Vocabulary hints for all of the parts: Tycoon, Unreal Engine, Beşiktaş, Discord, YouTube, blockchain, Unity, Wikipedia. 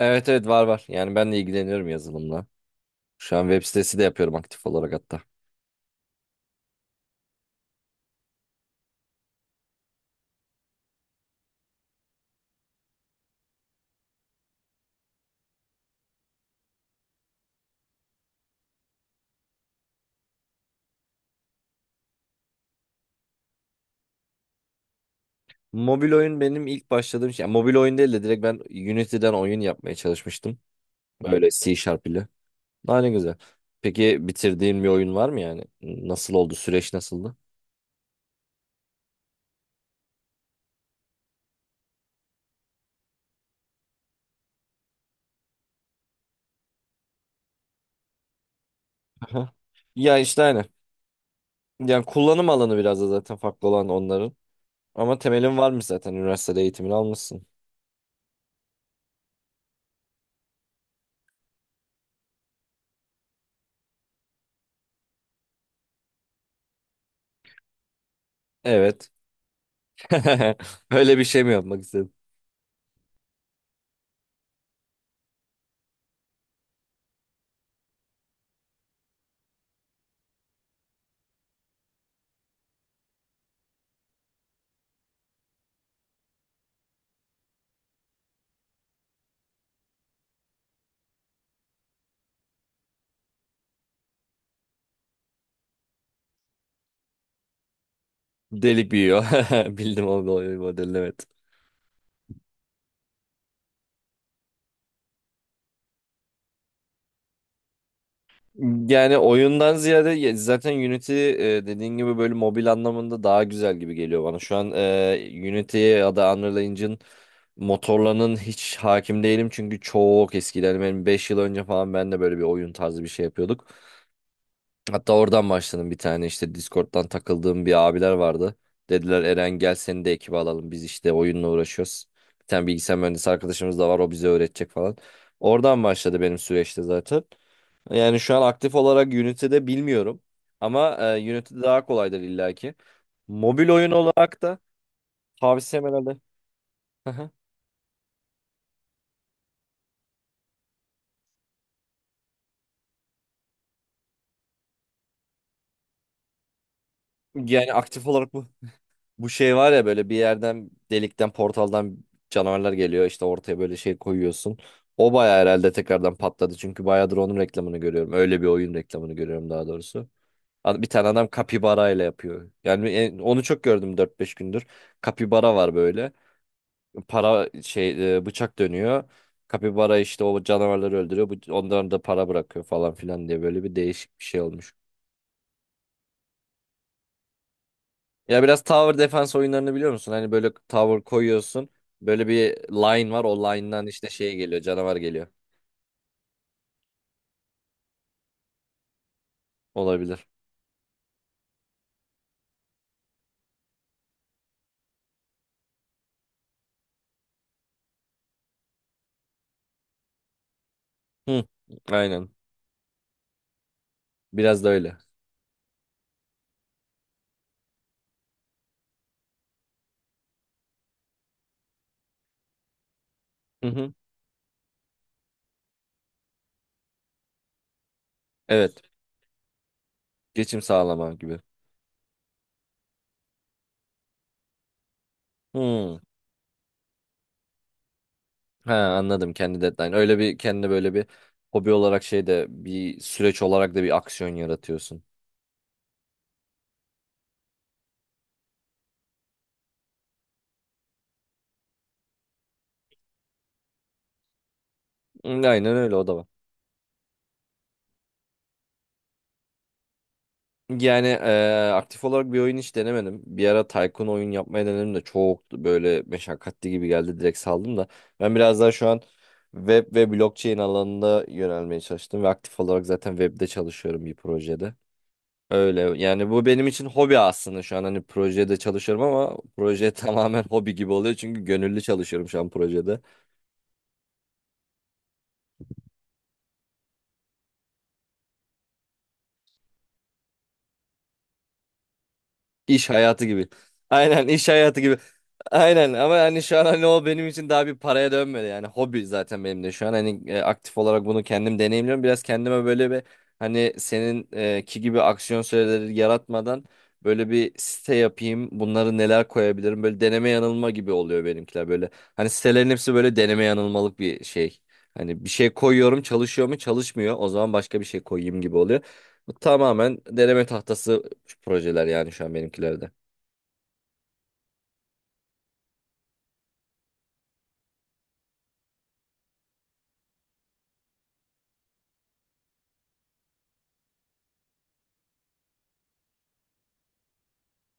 Evet var. Yani ben de ilgileniyorum yazılımla. Şu an web sitesi de yapıyorum aktif olarak hatta. Mobil oyun benim ilk başladığım şey. Yani mobil oyun değil de direkt ben Unity'den oyun yapmaya çalışmıştım. Böyle C Sharp ile. Ne güzel. Peki bitirdiğin bir oyun var mı yani? Nasıl oldu? Süreç nasıldı? Aha. Ya işte aynı. Yani kullanım alanı biraz da zaten farklı olan onların. Ama temelin varmış zaten. Üniversitede eğitimini almışsın. Evet. Öyle bir şey mi yapmak istedim? Delik büyüyor. Bildim o modeli, evet. Yani oyundan ziyade zaten Unity, dediğin gibi böyle mobil anlamında daha güzel gibi geliyor bana. Şu an Unity ya da Unreal Engine motorlarının hiç hakim değilim. Çünkü çok eskiden, yani benim 5 yıl önce falan, ben de böyle bir oyun tarzı bir şey yapıyorduk. Hatta oradan başladım, bir tane işte Discord'dan takıldığım bir abiler vardı. Dediler Eren, gel seni de ekibe alalım, biz işte oyunla uğraşıyoruz. Bir tane bilgisayar mühendisi arkadaşımız da var, o bize öğretecek falan. Oradan başladı benim süreçte zaten. Yani şu an aktif olarak Unity'de bilmiyorum. Ama Unity daha kolaydır illaki. Mobil oyun olarak da tavsiyem herhalde. Aha. Yani aktif olarak bu şey var ya, böyle bir yerden, delikten, portaldan canavarlar geliyor, işte ortaya böyle şey koyuyorsun. O bayağı herhalde tekrardan patladı çünkü bayağıdır onun reklamını görüyorum. Öyle bir oyun reklamını görüyorum daha doğrusu. Bir tane adam kapibara ile yapıyor. Yani onu çok gördüm dört beş gündür. Kapibara var böyle. Para şey, bıçak dönüyor. Kapibara işte o canavarları öldürüyor. Bu, onların da para bırakıyor falan filan diye böyle bir değişik bir şey olmuş. Ya biraz tower defense oyunlarını biliyor musun? Hani böyle tower koyuyorsun. Böyle bir line var. O line'dan işte şey geliyor. Canavar geliyor. Olabilir. Hı, aynen. Biraz da öyle. Hı hı. Evet. Geçim sağlama gibi. Hı. Ha, anladım, kendi deadline. Öyle bir kendi böyle bir hobi olarak şey de, bir süreç olarak da bir aksiyon yaratıyorsun. Hı, aynen öyle, o da var. Yani aktif olarak bir oyun hiç denemedim. Bir ara Tycoon oyun yapmaya denedim de çok böyle meşakkatli gibi geldi. Direkt saldım da. Ben biraz daha şu an web ve blockchain alanında yönelmeye çalıştım ve aktif olarak zaten webde çalışıyorum bir projede. Öyle yani, bu benim için hobi aslında şu an, hani projede çalışıyorum ama proje tamamen hobi gibi oluyor çünkü gönüllü çalışıyorum şu an projede. İş hayatı gibi. Aynen, iş hayatı gibi. Aynen, ama hani şu an hani o benim için daha bir paraya dönmedi, yani hobi zaten benim de şu an hani, aktif olarak bunu kendim deneyimliyorum, biraz kendime böyle bir, hani senin ki gibi aksiyon süreleri yaratmadan böyle bir site yapayım, bunları neler koyabilirim, böyle deneme yanılma gibi oluyor benimkiler, böyle hani sitelerin hepsi böyle deneme yanılmalık bir şey, hani bir şey koyuyorum çalışıyor mu çalışmıyor, o zaman başka bir şey koyayım gibi oluyor. Bu tamamen deneme tahtası şu projeler yani şu an benimkilerde.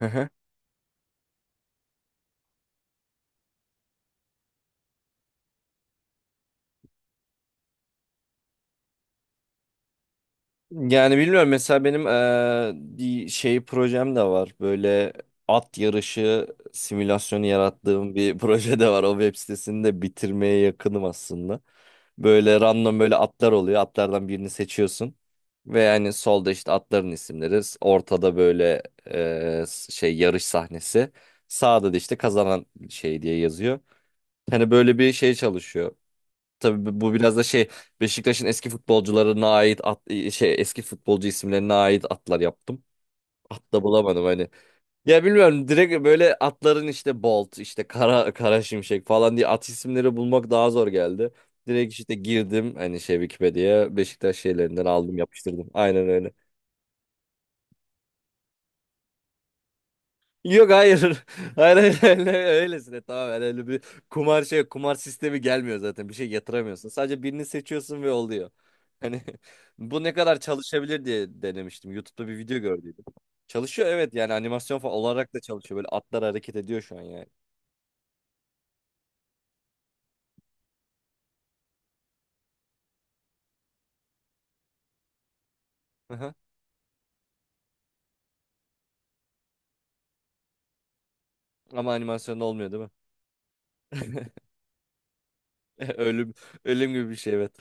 Hı hı. Yani bilmiyorum, mesela benim bir şey projem de var. Böyle at yarışı simülasyonu yarattığım bir proje de var. O web sitesini de bitirmeye yakınım aslında. Böyle random böyle atlar oluyor. Atlardan birini seçiyorsun. Ve yani solda işte atların isimleri. Ortada böyle şey, yarış sahnesi. Sağda da işte kazanan şey diye yazıyor. Hani böyle bir şey çalışıyor. Tabii bu biraz da şey, Beşiktaş'ın eski futbolcularına ait at, şey, eski futbolcu isimlerine ait atlar yaptım. At da bulamadım hani. Ya bilmiyorum, direkt böyle atların, işte Bolt, işte Kara Kara Şimşek falan diye at isimleri bulmak daha zor geldi. Direkt işte girdim hani şey Wikipedia'ya, Beşiktaş şeylerinden aldım yapıştırdım. Aynen öyle. Yok, hayır. Hayır öyle, öylesine, tamamen öyle bir kumar şey, kumar sistemi gelmiyor zaten, bir şey yatıramıyorsun. Sadece birini seçiyorsun ve oluyor. Hani bu ne kadar çalışabilir diye denemiştim. YouTube'da bir video gördüydüm. Çalışıyor evet, yani animasyon falan olarak da çalışıyor. Böyle atlar hareket ediyor şu an yani. Aha. Ama animasyon olmuyor değil mi? Ölüm ölüm gibi bir şey evet.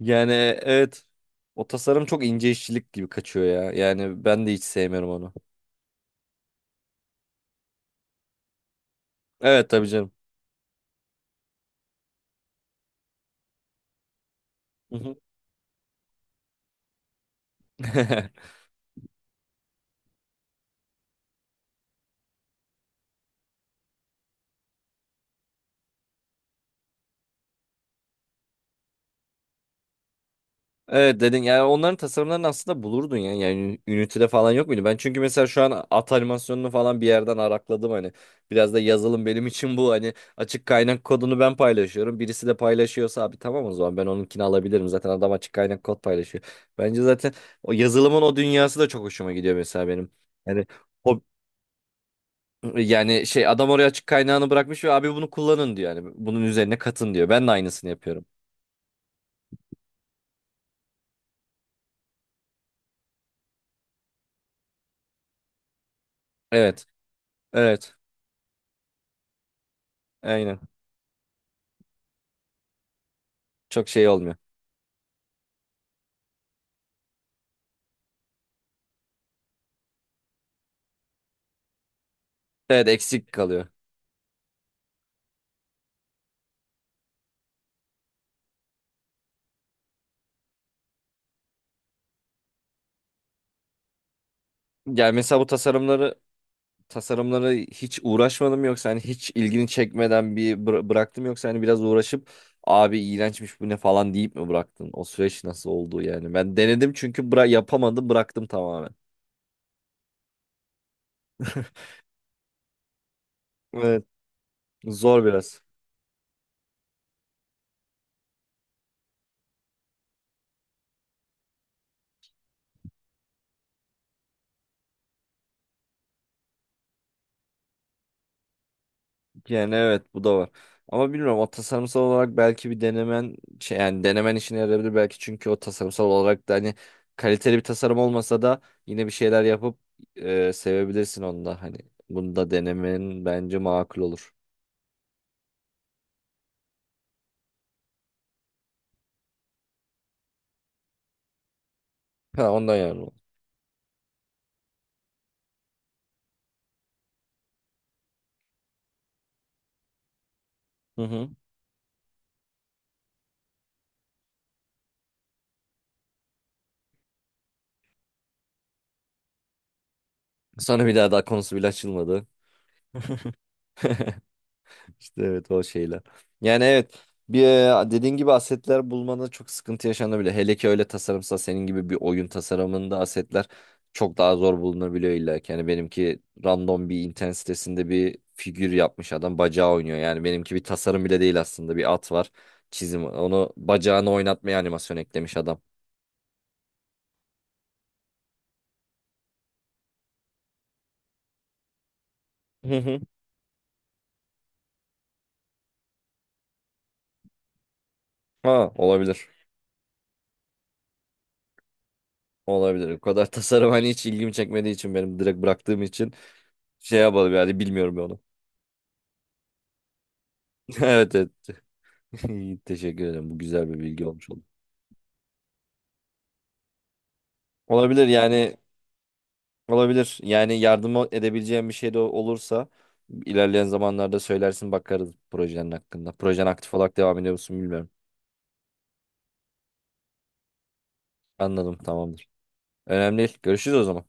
Yani evet, o tasarım çok ince işçilik gibi kaçıyor ya. Yani ben de hiç sevmiyorum onu. Evet tabii canım. Hı hı. Evet dedin, yani onların tasarımlarını aslında bulurdun yani. Yani Unity'de falan yok muydu? Ben çünkü mesela şu an at animasyonunu falan bir yerden arakladım hani. Biraz da yazılım benim için bu, hani açık kaynak kodunu ben paylaşıyorum. Birisi de paylaşıyorsa abi tamam, o zaman ben onunkini alabilirim. Zaten adam açık kaynak kod paylaşıyor. Bence zaten o yazılımın o dünyası da çok hoşuma gidiyor mesela benim. Yani o, yani şey, adam oraya açık kaynağını bırakmış ve abi bunu kullanın diyor yani. Bunun üzerine katın diyor. Ben de aynısını yapıyorum. Evet. Evet. Aynen. Çok şey olmuyor. Evet, eksik kalıyor. Yani mesela bu tasarımları hiç uğraşmadım yoksa, hani hiç ilgini çekmeden bir bıraktım yoksa hani biraz uğraşıp abi iğrençmiş bu ne falan deyip mi bıraktın? O süreç nasıl oldu yani? Ben denedim çünkü, bıra yapamadım, bıraktım tamamen. Evet, zor biraz. Yani evet, bu da var. Ama bilmiyorum, o tasarımsal olarak belki bir denemen şey, yani denemen işine yarayabilir belki çünkü o tasarımsal olarak da hani, kaliteli bir tasarım olmasa da yine bir şeyler yapıp sevebilirsin onu da, hani bunu da denemen bence makul olur. Ha ondan yani. Hı hı. Sonra bir daha konusu bile açılmadı. İşte evet, o şeyler. Yani evet bir, dediğin gibi asetler bulmada çok sıkıntı yaşanabilir. Hele ki öyle tasarımsa, senin gibi bir oyun tasarımında asetler çok daha zor bulunabiliyor illa ki. Yani benimki random bir internet sitesinde bir figür yapmış adam, bacağı oynuyor. Yani benimki bir tasarım bile değil aslında, bir at var, çizim, onu bacağını oynatmaya animasyon eklemiş adam. Hı hı. Ha olabilir. Olabilir. O kadar tasarım hani hiç ilgimi çekmediği için, benim direkt bıraktığım için, şey yapalım yani, bilmiyorum ben onu. Evet evet. İyi, teşekkür ederim. Bu güzel bir bilgi olmuş oldu. Olabilir yani, olabilir. Yani yardım edebileceğim bir şey de olursa ilerleyen zamanlarda söylersin, bakarız projenin hakkında. Projen aktif olarak devam ediyor musun bilmiyorum. Anladım, tamamdır. Önemli değil. Görüşürüz o zaman.